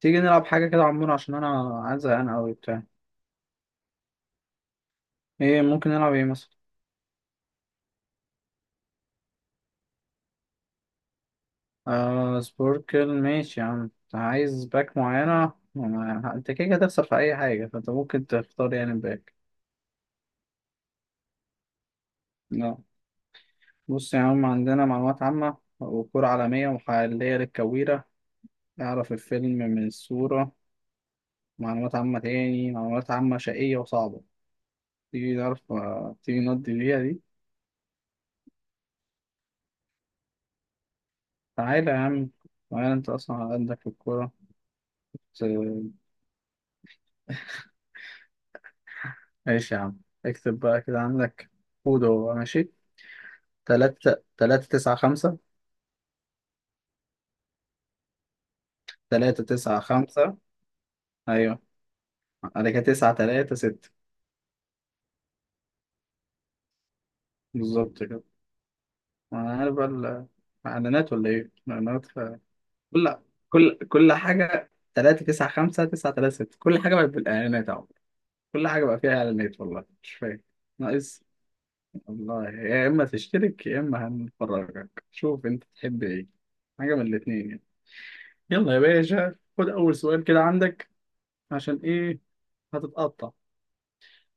تيجي نلعب حاجة كده عمور عشان أنا عايز أنا أوي بتاع. إيه ممكن نلعب إيه مثلا؟ سبوركل ماشي يا عم، أنت عايز باك معينة. أنت كده كده هتخسر في أي حاجة، فأنت ممكن تختار يعني باك. لا، بص يا عم، عندنا معلومات عامة وكرة عالمية ومحلية للكويرة، نعرف الفيلم من الصورة، معلومات عامة تاني، معلومات عامة شقية وصعبة. تيجي نعرف تيجي نقضي فيها دي. تعالى يا عم، تعالى أنت أصلا على قدك في الكورة. ماشي يا عم، اكتب بقى كده عندك كود هو ماشي. تلاتة تلاتة تسعة خمسة. تلاتة تسعة خمسة. أيوة، أنا كده تسعة تلاتة ستة. بالظبط كده. أنا عارف بقى إعلانات ولا إيه؟ كل كل حاجة تلاتة تسعة خمسة تسعة تلاتة ستة، كل حاجة بقت بالإعلانات أهو، كل حاجة بقى فيها إعلانات، والله مش فاهم. ناقص، والله يا إما تشترك يا إما هنفرجك، شوف أنت تحب إيه، حاجة من الاتنين يعني. يلا يا باشا، خد أول سؤال كده عندك. عشان ايه؟ هتتقطع.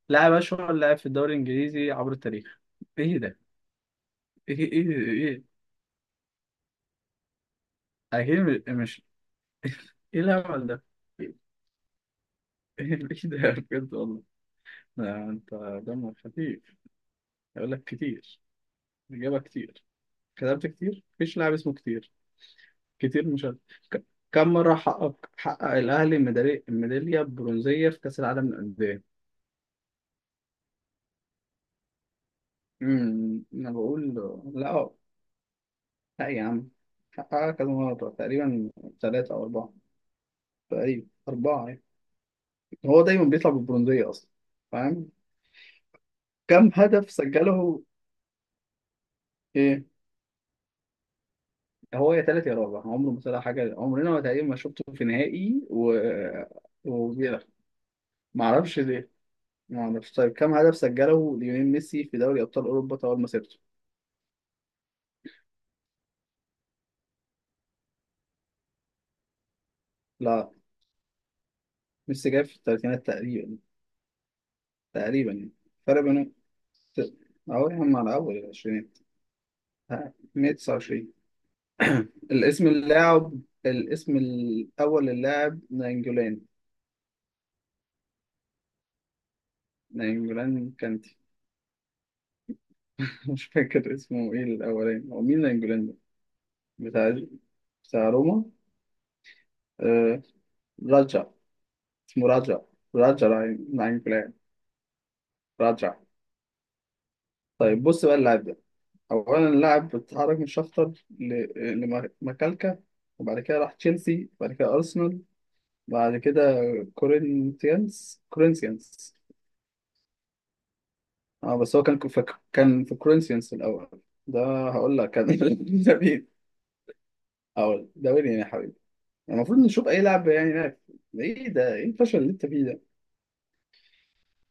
لاعب، اشهر لاعب في الدوري الانجليزي عبر التاريخ. ايه ده؟ ايه ايه ايه. اكيد ايه الهبل ده؟ ايه؟ ايه ده بجد والله. ده انت دمك خفيف. يقول لك كتير، الاجابه كتير، كتبت كتير، مفيش لاعب اسمه كتير، كتير، مش عارف. ك- كم مره حقق الاهلي الميداليه البرونزيه في كاس العالم للانديه؟ انا بقول، لا، لا يا عم، حققها كذا مره، تقريبا ثلاثه او اربعه، تقريبا أربعة يعني. هو دايما بيطلع بالبرونزية أصلا، فاهم؟ كم هدف سجله؟ إيه، هو يا تالت يا رابع، عمره ما طلع حاجة، عمرنا ما تقريبا ما شفته في نهائي، و وبيلعب، ما أعرفش ليه، ما أعرفش. طيب، كم هدف سجله ليونيل ميسي في دوري أبطال أوروبا طوال مسيرته؟ لا، ميسي جاي في الثلاثينات تقريبا، تقريبا يعني. فرق بينهم ست- أهو يا عم على أول العشرينات. ها، 129. الاسم اللاعب، الاسم الأول للاعب نانجولان. نانجولان كانتي. مش فاكر اسمه ايه الاولاني، هو مين نانجولان ده؟ بتاع بتاع روما. آه... راجع، اسمه راجع، راجع، نانجولان، راجع. طيب بص بقى اللاعب ده، اولا اللاعب اتحرك من شختر ل... لمكالكا، وبعد كده راح تشيلسي، وبعد كده ارسنال، بعد كده كورinthians كورinthians. اه بس هو كان في كورنثيانس الاول. ده هقول لك كان ده مين، اقول ده مين يعني يا حبيبي. المفروض نشوف اي لعب يعني لعب. ايه ده؟ ايه الفشل اللي انت فيه ده؟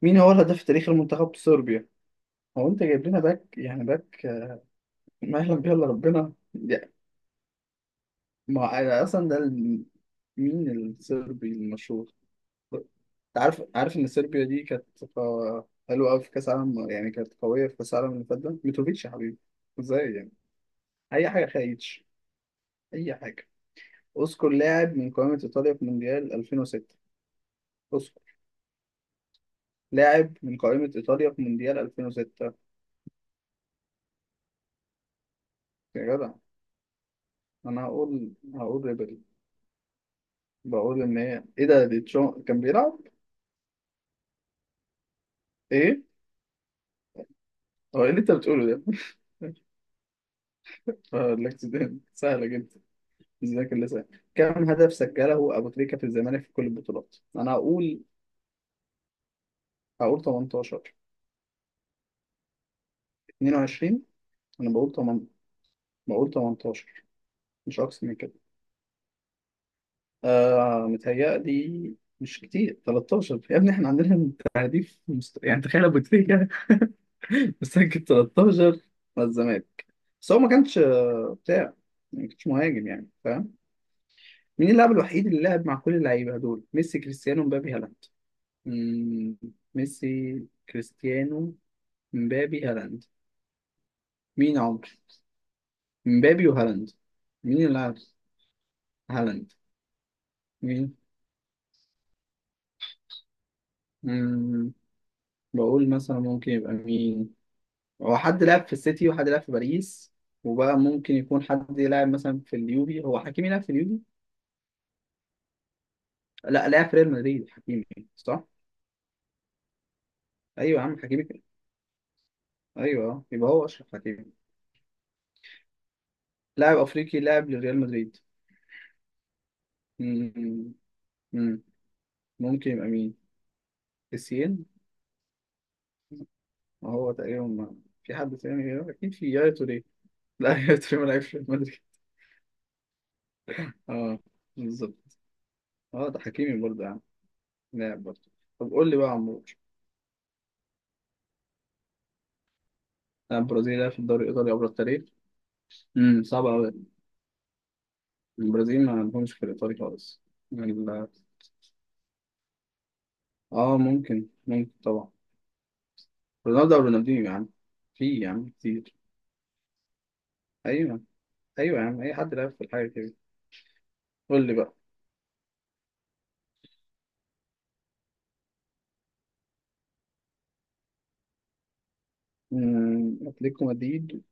مين هو الهداف التاريخي لمنتخب صربيا؟ هو انت جايب لنا باك يعني باك، ما يعلم بيه الا ربنا ما أنا اصلا ده مين الصربي المشهور؟ انت عارف، ان صربيا دي كانت حلوه قوي في كاس عالم، يعني كانت قويه في كاس العالم اللي فات ده. ميتروفيتش يا حبيبي. ازاي يعني؟ اي حاجه خايتش، اي حاجه. اذكر لاعب من قائمه ايطاليا في مونديال 2006. اذكر لاعب من قائمه ايطاليا في مونديال 2006. يا جدع، انا هقول ريبري. بقول ان هي ايه ده دي كان بيلعب. ايه؟ هو ايه اللي انت بتقوله ده؟ الاكسدام سهله جدا. ازاي كان سهل؟ كم هدف سجله ابو تريكه في الزمالك في كل البطولات؟ انا هقول 18. 22. انا بقول 8، بقول 18، مش اكتر من كده. آه، متهيألي مش كتير، 13 يا ابني. احنا عندنا تهديف يعني تخيل، ابو تريكه مسجل 13 مع الزمالك. بس هو ما كانش بتاع يعني، ما كانش مهاجم يعني، فاهم؟ مين اللاعب الوحيد اللي لعب مع كل اللعيبه دول، ميسي كريستيانو مبابي هالاند؟ مم، ميسي كريستيانو مبابي هالاند. مين عمر مبابي وهالاند؟ مين اللي لعب هالاند؟ مين؟ مم، بقول مثلا ممكن يبقى مين. هو حد لعب في السيتي وحد لعب في باريس، وبقى ممكن يكون حد لعب مثلا في اليوفي. هو حكيمي لعب في اليوفي؟ لا، لعب في ريال مدريد حكيمي. صح، ايوه يا عم حكيمي. ايوه، يبقى هو اشرف حكيمي. لاعب افريقي لاعب لريال مدريد. مم. مم. ممكن يبقى مين؟ السين. هو تقريبا في حد تاني غيره، اكيد في، يا توري. لا، يا توري ما لعبش في ريال مدريد. اه، بالظبط. اه، ده حكيمي برضه يعني، لاعب برضه. طب قول لي بقى يا عمرو. البرازيل لعب في الدوري الايطالي عبر التاريخ. صعب قوي. البرازيل ما عندهمش في الايطالي خالص. ال- اه، ممكن، ممكن طبعا. رونالدو او رونالدينيو يعني، في يعني كتير. ايوه، ايوه يا عم، اي حد لعب في الحاجه كده. قول لي بقى. أتلتيكو مدريد.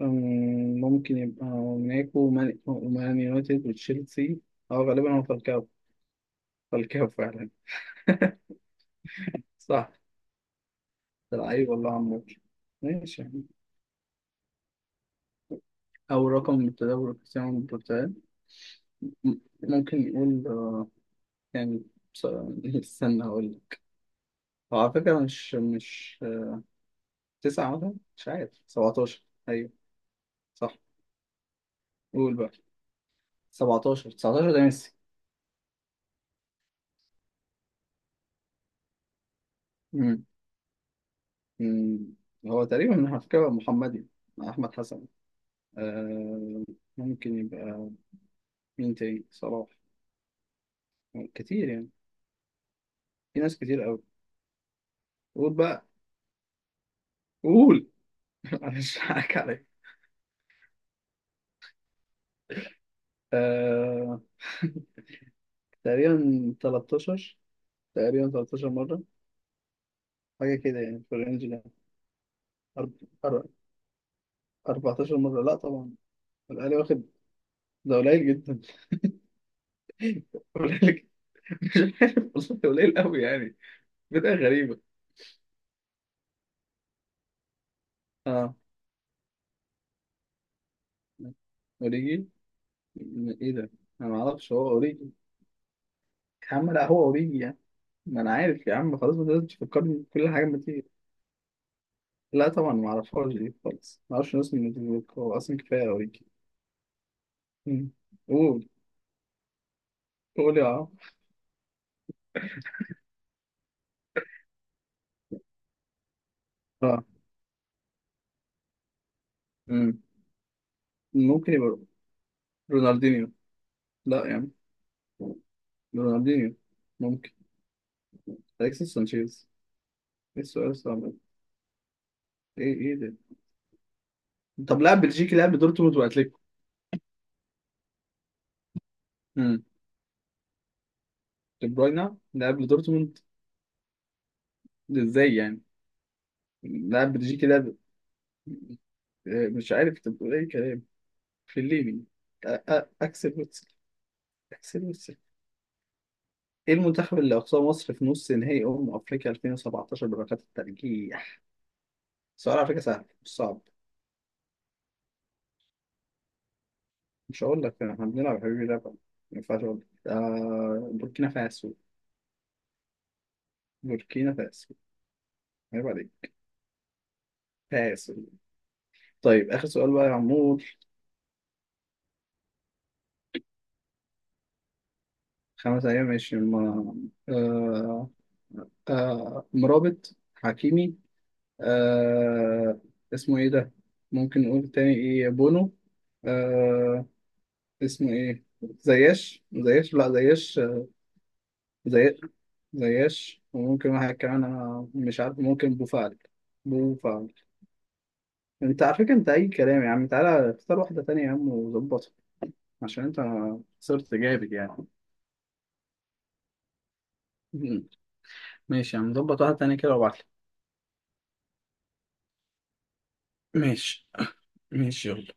ممكن يبقى موناكو ومان يونايتد وتشيلسي. أو غالبا هو فالكاو. فالكاو فعلا، صح. ده لعيب والله عمور، ماشي يعني. أول رقم من التدور كريستيانو من البرتغال. م- ممكن نقول يعني بص- استنى أقول لك. هو على فكرة مش تسعة مثلا، مش عارف 17. أيوه، صح. قول بقى. 17، 19 ده ميسي. مم. هو تقريبا على فكرة محمدي مع أحمد حسن. آه، ممكن يبقى مين تاني، صلاح؟ كتير يعني، في ناس كتير أوي. قول بقى. قول. أنا مش هضحك عليك. آه، تقريبا 13، تقريبا 13 مرة، حاجة كده يعني في الرينج ده. أرب- أر- 14 مرة، لا طبعا، الأهلي واخد، ده قليل جدا. قليل جدا، مش عارف، والله قليل أوي يعني. بداية غريبة. اه، أوريجي. إيه ده؟ أنا معرفش هو أوريجي. يا عم لا، هو اوريجي يعني، ما انا عارف يا عم، خلاص ما تقدرش تفكرني بكل حاجه، ما تيجي. لا طبعا، ما اعرفهاش دي خالص، ما اعرفش ناس من نوتيفوك، هو اصلا كفايه اوريجي. مم. قول، قول يا عم. اه. مم. ممكن يبقى رونالدينيو. لا يا عم رونالدينيو، ممكن اليكسيس سانشيز. ايه السؤال الصعب ده؟ ايه، ايه ده. طب لاعب بلجيكي لاعب لدورتموند واتليتيكو. مم. دي بروينا لاعب لدورتموند؟ ده ازاي يعني، لاعب بلجيكي لاعب. مش عارف انت بتقول ايه كلام. في الليبي، اكسل، حسين السيف. ايه المنتخب اللي اقصاه مصر في نص نهائي افريقيا 2017 بركات الترجيح؟ سؤال على فكره سهل مش صعب. مش هقول لك، احنا بنلعب يا حبيبي لعبه، ما ينفعش اقول لك. آه، بوركينا فاسو. بوركينا فاسو، عيب عليك، فاسو. طيب اخر سؤال بقى يا عمور. خمس ايام ماشي ما... آه... مرابط، حكيمي. آه... اسمه ايه ده؟ ممكن نقول تاني ايه، بونو. آه... اسمه ايه؟ زياش، لا زياش. زي، زياش، وممكن واحد كمان، انا مش عارف، ممكن بوفعل، بوفعل. انت على فكره انت اي كلام يا عم، تعالى اختار واحده تانية يا عم وظبطها، عشان انت صرت جامد يعني. مم. ماشي يا عم، ظبط واحده تانية كده وابعتلي. ماشي. ماشي، يلا.